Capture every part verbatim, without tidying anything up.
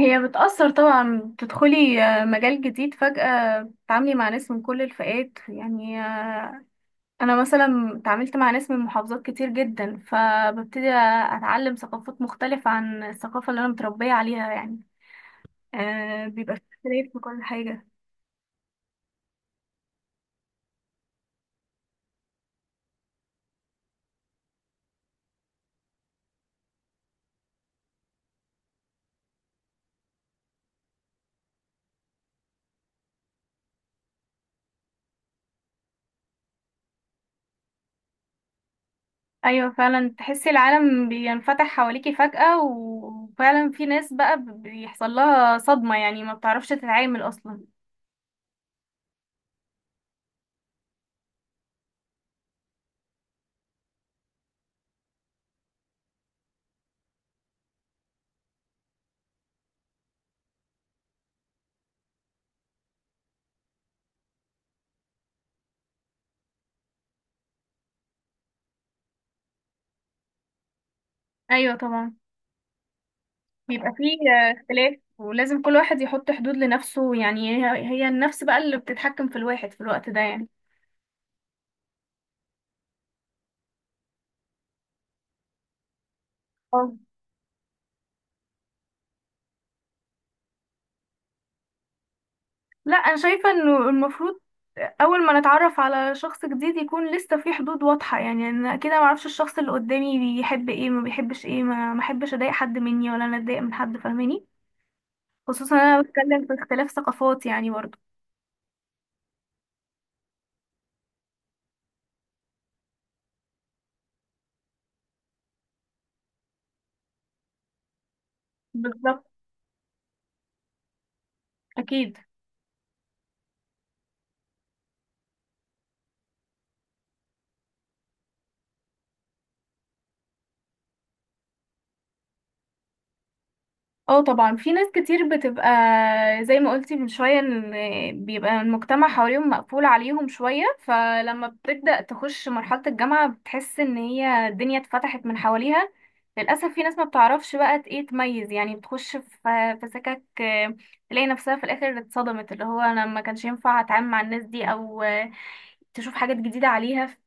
هي بتأثر طبعا، تدخلي آه، مجال جديد فجأة، تتعاملي مع ناس من كل الفئات يعني آه، أنا مثلا اتعاملت مع ناس من محافظات كتير جدا، فببتدي أتعلم ثقافات مختلفة عن الثقافة اللي أنا متربية عليها يعني. آه، بيبقى في اختلاف في كل حاجة. أيوة، فعلا تحسي العالم بينفتح حواليكي فجأة، وفعلا في ناس بقى بيحصل لها صدمة، يعني ما بتعرفش تتعامل أصلا. أيوة طبعا، بيبقى فيه آه، اختلاف، ولازم كل واحد يحط حدود لنفسه، يعني هي هي النفس بقى اللي بتتحكم في الواحد في الوقت ده يعني. اه، لا، انا شايفة انه المفروض اول ما نتعرف على شخص جديد يكون لسه في حدود واضحة، يعني انا كده ما اعرفش الشخص اللي قدامي بيحب ايه، ما بيحبش ايه، ما ما احبش اضايق حد مني ولا انا اتضايق من حد، فاهماني؟ خصوصا انا بتكلم في اختلاف ثقافات يعني برضه. بالظبط، اكيد. اه طبعا، في ناس كتير بتبقى زي ما قلتي من شوية، ان بيبقى المجتمع حواليهم مقفول عليهم شوية، فلما بتبدأ تخش مرحلة الجامعة بتحس ان هي الدنيا اتفتحت من حواليها. للأسف في ناس ما بتعرفش بقى ت- ايه تميز يعني، بتخش في في سكك، آه، تلاقي نفسها في الآخر اتصدمت، اللي هو انا ما كانش ينفع اتعامل مع الناس دي، او آه، تشوف حاجات جديدة عليها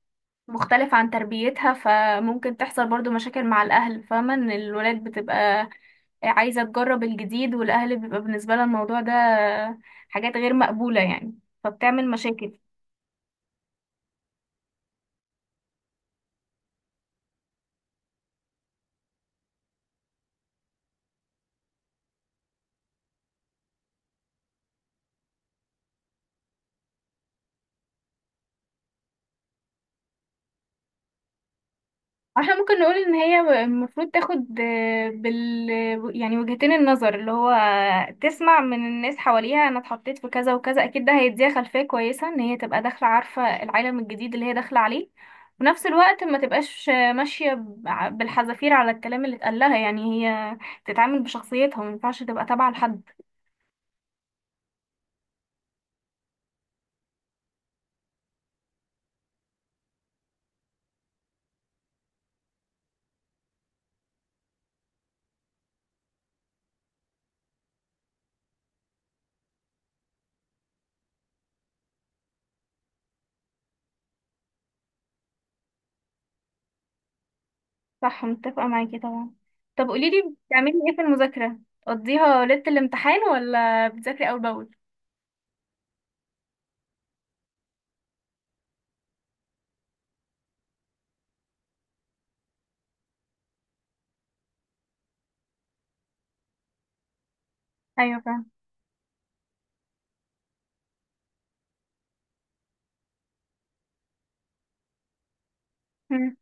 مختلف عن تربيتها. فممكن تحصل برضو مشاكل مع الأهل، فاهمة ان الولاد بتبقى عايزة تجرب الجديد، والأهل بيبقى بالنسبة لها الموضوع ده حاجات غير مقبولة يعني، فبتعمل مشاكل. احنا ممكن نقول ان هي المفروض تاخد آه، بال يعني وجهتين النظر، اللي هو تسمع من الناس حواليها انا اتحطيت في كذا وكذا، اكيد ده هيديها خلفية كويسة ان هي تبقى داخلة عارفة العالم الجديد اللي هي داخلة عليه. وفي نفس الوقت ما تبقاش ماشية ب- بالحذافير على الكلام اللي اتقال لها، يعني هي تتعامل بشخصيتها، ما ينفعش تبقى تابعة لحد. صح، متفقة معاكي طبعا. طب قوليلي، بتعملي ايه في المذاكرة؟ تقضيها ليلة الامتحان ولا بتذاكري اول باول؟ ايوه فاهمة.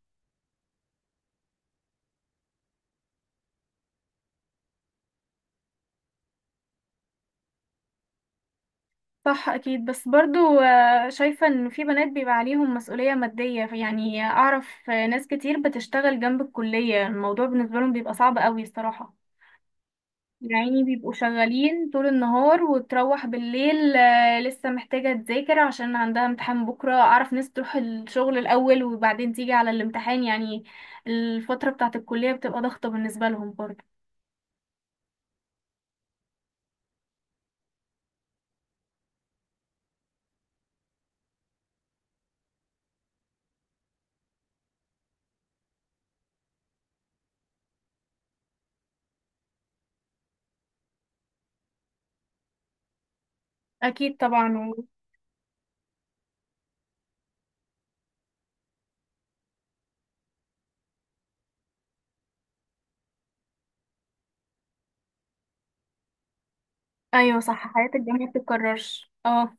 صح، اكيد. بس برضو آه، شايفة ان في بنات بيبقى عليهم مسؤولية مادية يعني، اعرف آه، ناس كتير بتشتغل جنب الكلية، الموضوع بالنسبة لهم بيبقى صعب قوي الصراحة. يعني بيبقوا شغالين طول النهار، وتروح بالليل آه، لسه محتاجة تذاكر عشان عندها امتحان بكرة. اعرف ناس تروح الشغل الاول وبعدين تيجي على الامتحان يعني، الفترة بتاعة الكلية بتبقى ضغطة بالنسبة لهم برضو. اكيد طبعا. و... ايوه صح، حياة الجامعة بتتكررش، اه.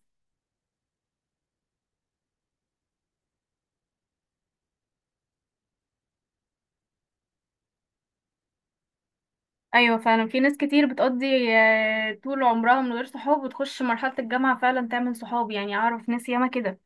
ايوه فعلا، في ناس كتير بتقضي آه، طول عمرها من غير صحاب وتخش مرحلة الجامعة فعلا تعمل صحاب يعني، اعرف ناس ياما كده.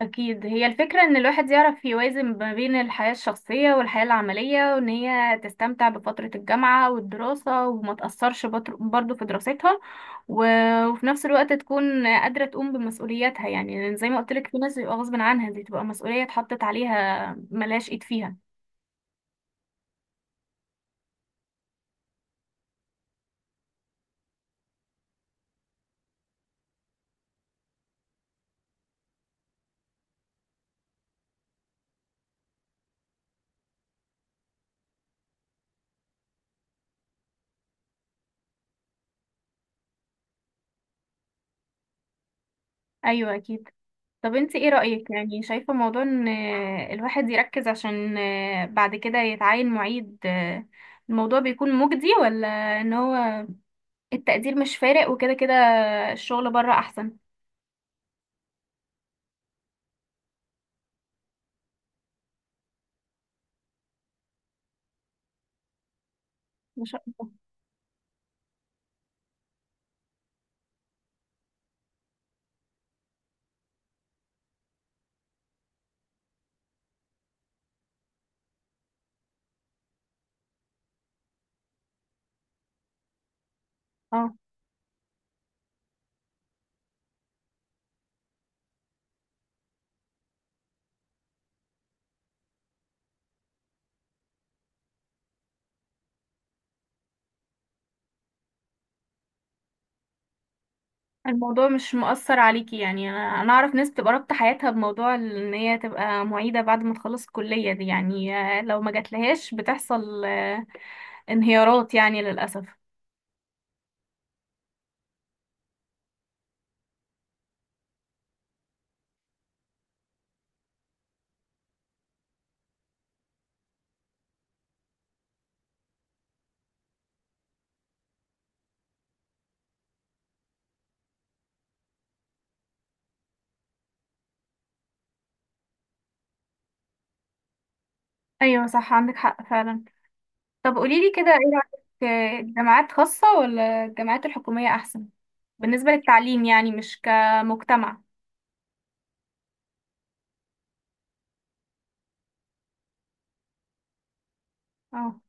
اكيد، هي الفكرة ان الواحد يعرف يوازن ما بين الحياة الشخصية والحياة العملية، وان هي تستمتع بفترة الجامعة والدراسة وما تأثرش بطر- برضه في دراستها. و... وفي نفس الوقت تكون قادرة تقوم بمسؤولياتها، يعني لأن زي ما قلت لك في ناس بيبقى غصب عنها، دي تبقى مسؤولية اتحطت عليها ملهاش ايد فيها. ايوه اكيد. طب انت ايه رأيك، يعني شايفة موضوع ان آه، الواحد يركز عشان آه، بعد كده يتعين معيد، آه، الموضوع بيكون مجدي، ولا ان هو التقدير مش فارق وكده كده الشغل بره احسن؟ ما شاء الله. اه، الموضوع مش مؤثر عليكي، يعني انا انا اعرف ناس تبقى رابطة حياتها بموضوع ان هي تبقى معيدة بعد ما تخلص الكلية دي، يعني آه، لو ما جاتلهاش بتحصل آه، انهيارات يعني، للأسف. ايوه صح، عندك حق فعلا. طب قوليلي كده، ايه رأيك آه، الجامعات خاصة ولا الجامعات الحكومية أحسن؟ بالنسبة للتعليم يعني، مش كمجتمع. اه،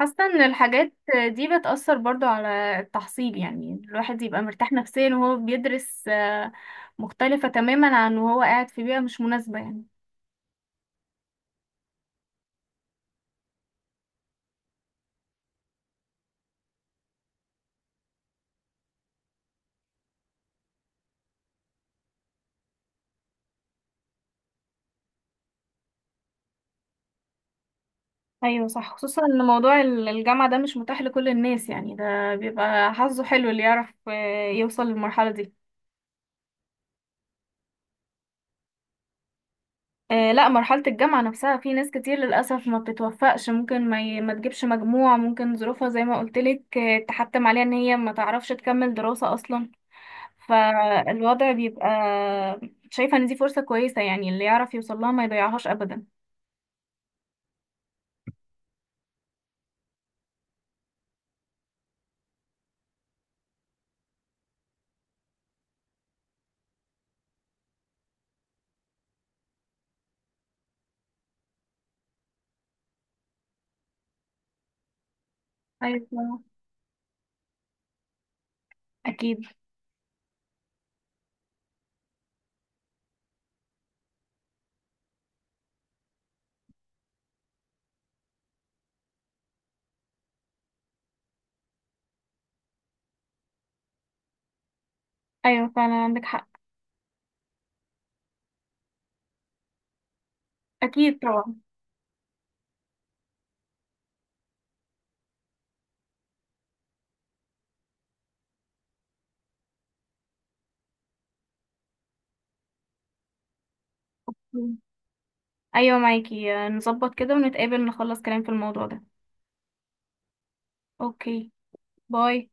حاسة ان الحاجات دي بتأثر برضو على التحصيل، يعني الواحد يبقى مرتاح نفسيا وهو بيدرس آه، مختلفة تماما عن وهو قاعد في بيئة مش مناسبة يعني. ايوه صح، خصوصا ان موضوع ال- الجامعة ده مش متاح لكل الناس، يعني ده بيبقى حظه حلو اللي يعرف آه، يوصل للمرحلة دي. آه لا، مرحلة الجامعة نفسها في ناس كتير للأسف ما بتتوفقش، ممكن ما, ي... ما تجيبش مجموع، ممكن ظروفها زي ما قلتلك آه، تحتم عليها ان هي ما تعرفش تكمل دراسة أصلا، فالوضع بيبقى. شايفة ان دي فرصة كويسة، يعني اللي يعرف يوصل لها ما يضيعهاش أبدا. ايوه طبعاً. أكيد. أيوة فعلا، عندك حق. أكيد طبعا. أيوة معاكي، آه، نظبط كده ونتقابل، نخلص كلام في الموضوع ده. أوكي. باي.